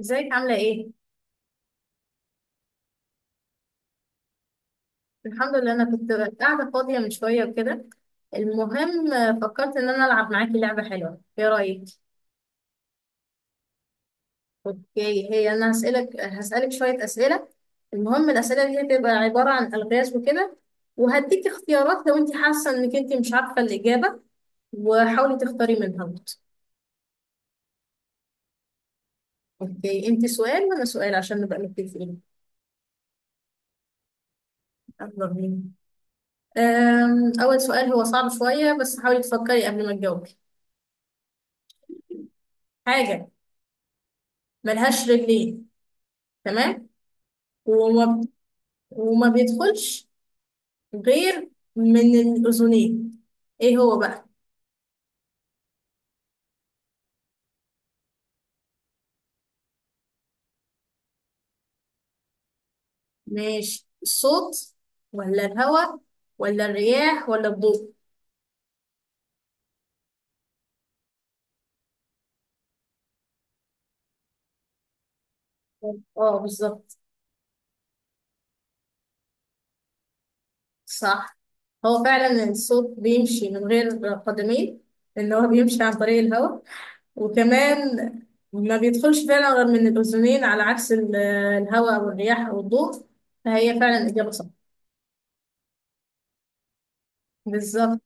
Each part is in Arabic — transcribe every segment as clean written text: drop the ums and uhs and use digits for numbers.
ازيك؟ عاملة ايه؟ الحمد لله، انا كنت قاعدة فاضية من شوية وكده. المهم، فكرت ان انا العب معاكي لعبة حلوة. ايه رأيك؟ اوكي، هي انا هسألك شوية اسئلة. المهم الاسئلة دي هتبقى عبارة عن الغاز وكده، وهديكي اختيارات لو انت حاسة انك انت مش عارفة الاجابة، وحاولي تختاري منها برضه. اوكي، انت سؤال وانا سؤال عشان نبقى متفقين. يلا بينا. اول سؤال هو صعب شوية، بس حاولي تفكري قبل ما تجاوبي. حاجة ملهاش رجلين، تمام؟ وما وما بيدخلش غير من الأذنين. ايه هو بقى؟ ماشي، الصوت ولا الهواء ولا الرياح ولا الضوء؟ اه، بالظبط. صح، هو فعلا الصوت بيمشي من غير قدمين، لأن هو بيمشي عن طريق الهواء، وكمان ما بيدخلش فعلا غير من الأذنين، على عكس الهواء أو الرياح أو الضوء. فهي فعلا إجابة صح. بالظبط،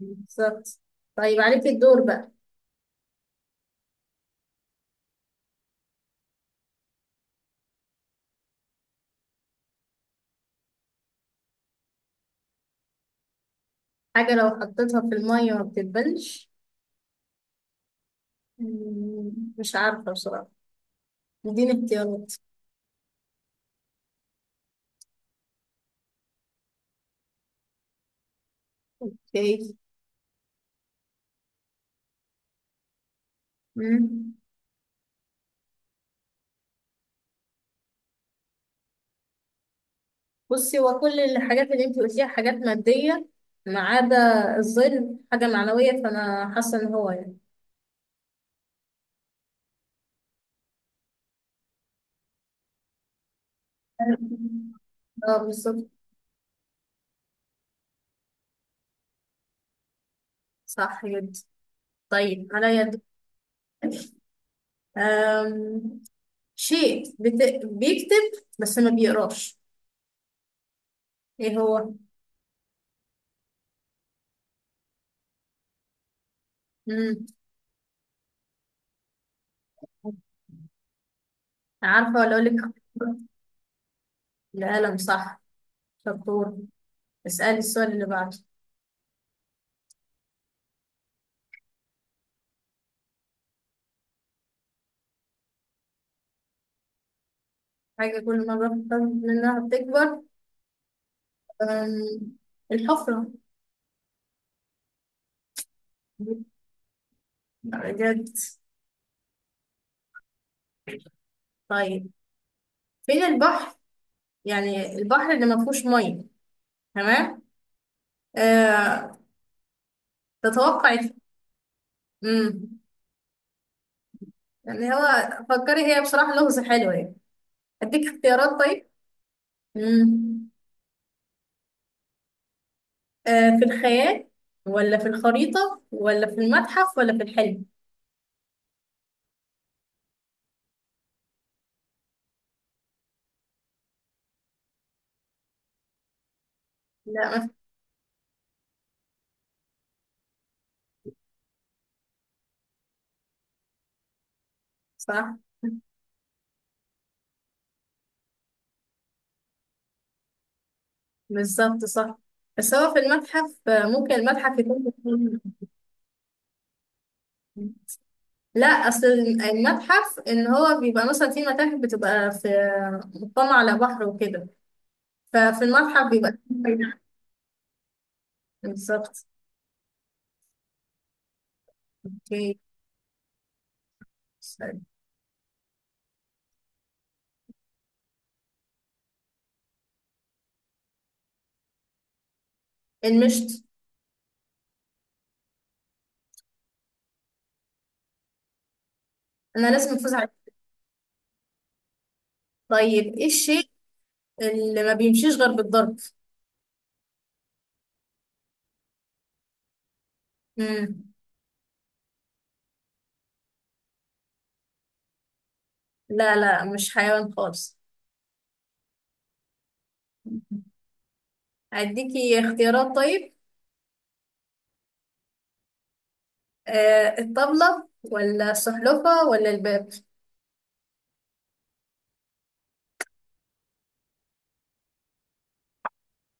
بالظبط. طيب، عليك الدور بقى. حاجة لو حطيتها في المية ما بتتبلش. مم، مش عارفة بصراحة، اديني اختيارات. ايه؟ مم. بصي، هو كل الحاجات اللي انت قلتيها حاجات مادية ما عدا الظل، حاجة معنوية، فأنا حاسة إن هو يعني. اه، بالظبط. صح جدا. طيب، عليا دور. أم... شيء بيكتب بس ما بيقراش. ايه هو؟ مم. عارفة ولا أقول لك؟ القلم، صح، شطور. اسألي السؤال اللي بعده. حاجة كل مرة بتخاف منها بتكبر؟ أم، الحفرة. بجد؟ طيب، فين البحر؟ يعني البحر اللي ما فيهوش مية. تمام؟ أه. تتوقع. امم. يعني هو، فكري، هي بصراحة لغز حلو يعني. اديك اختيارات طيب؟ امم. أه، في الخيال ولا في الخريطة ولا في المتحف ولا في الحلم؟ لا، ما في- صح، بالظبط، صح. بس هو في المتحف، ممكن المتحف يكون. لا، اصل المتحف ان هو بيبقى مثلا، في متاحف بتبقى في، مطلة على بحر وكده. ففي المتحف بيبقى. بالظبط. اوكي. سوري. المشط. انا لازم افوز عليه. طيب، ايه الشيء اللي ما بيمشيش غير بالضرب؟ مم. لا لا، مش حيوان خالص. اديكي اختيارات طيب؟ الطبلة، ولا السحلفة ولا الباب؟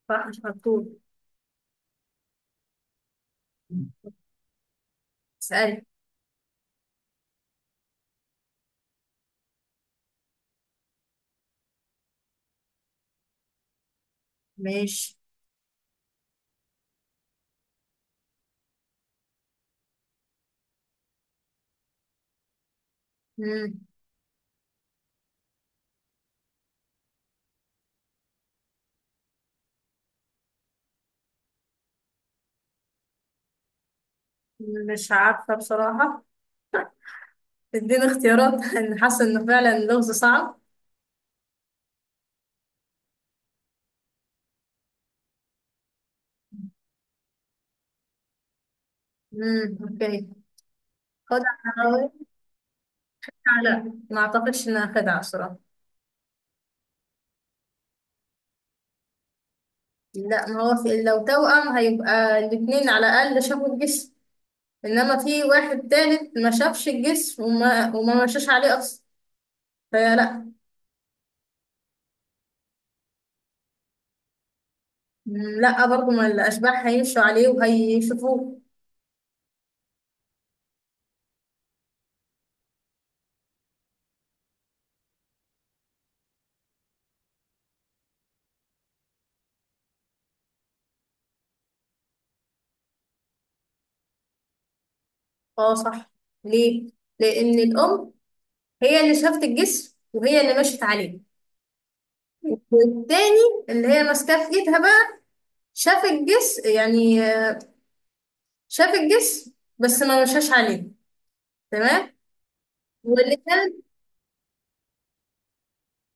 صح، مش مكتوب. اسألي. ماشي. مم. مش عارفة بصراحة، اديني اختيارات. انا حاسه انه فعلا اللغز صعب. اوكي. خدعة حضارية؟ لا، ما اعتقدش انها خدعة بصراحة. لا، ما هو في، لو توأم هيبقى الاتنين على الاقل شافوا الجسم، انما في واحد تالت ما شافش الجسم وما مشاش عليه اصلا، فلا. لا برضه، ما الاشباح هيمشوا عليه وهيشوفوه. اه، صح. ليه؟ لان الام هي اللي شافت الجسم، وهي اللي مشت عليه. والتاني اللي هي ماسكاه في ايدها بقى، شاف الجسم، يعني شاف الجسم بس ما مشاش عليه. تمام. واللي كان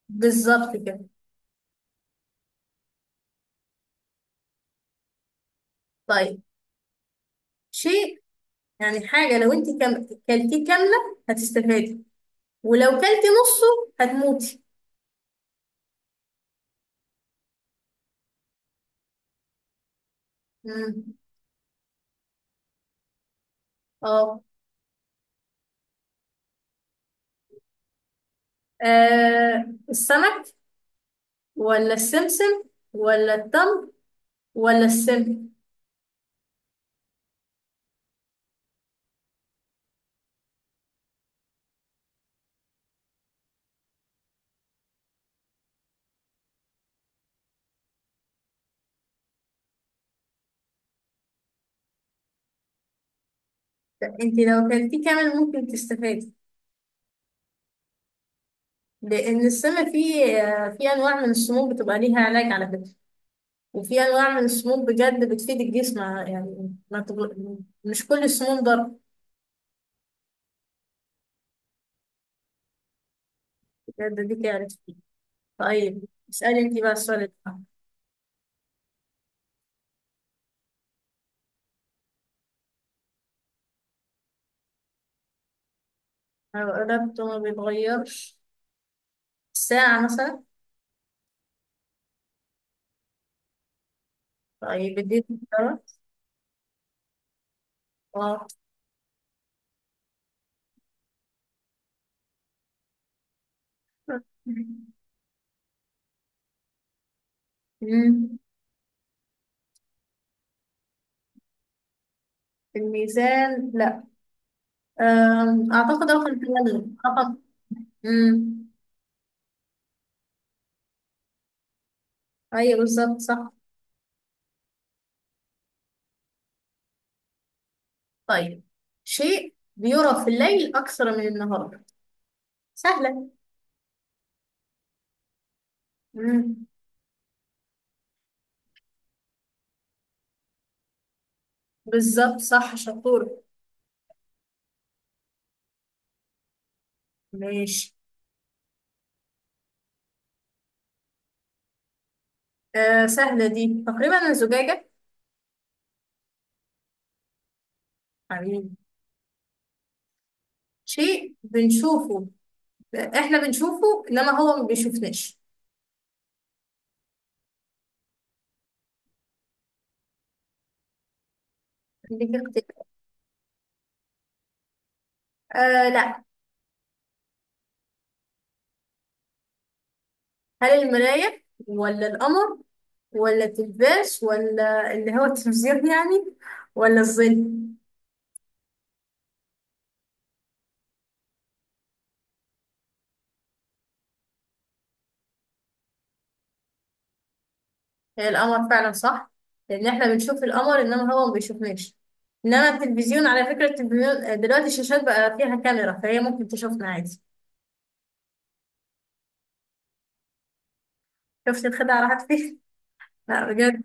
بالظبط كده. طيب، شيء، يعني حاجة لو انت كلتيه كاملة هتستفادي، ولو كلتي نصه هتموتي. مم. اه. السمك ولا السمسم ولا التمر ولا السم؟ انت لو كلتيه كامل ممكن تستفادي، لان السم فيه انواع من السموم بتبقى ليها علاج على فكرة، وفي انواع من السموم بجد بتفيد الجسم، يعني ما تغل... مش كل السموم ضر. بجد؟ دي تعرف. طيب، اسألي انت بقى السؤال ده. لو قلبت ما بيتغيرش. ساعة مثلا؟ طيب، اديني اختيارات. اه. أمم. الميزان، لا. اعتقد رقم التلج، رقم. امم. ايوه، بالظبط، صح. طيب، شيء بيرى في الليل اكثر من النهار. سهلة. امم. بالظبط، صح، شطور. ماشي. آه، سهلة دي تقريبا، الزجاجة. حبيبي. شيء بنشوفه، احنا بنشوفه انما هو ما بيشوفناش. دي كده. آه، لا. هل المراية، ولا القمر ولا التلفاز، ولا اللي هو التلفزيون يعني، ولا الظل؟ هي القمر فعلا، صح. لان احنا بنشوف القمر انما هو ما بيشوفناش. انما التلفزيون، على فكرة التلفزيون دلوقتي الشاشات بقى فيها كاميرا، فهي ممكن تشوفنا عادي. شفت الخدعة راحت فين؟ لا بجد،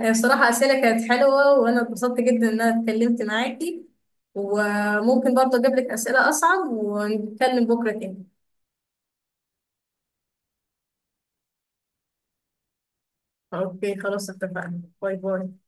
هي بصراحة أسئلة كانت حلوة، وأنا اتبسطت جدا إن أنا اتكلمت معاكي، وممكن برضه أجيب لك أسئلة أصعب ونتكلم بكرة تاني. أوكي، خلاص، اتفقنا. باي باي.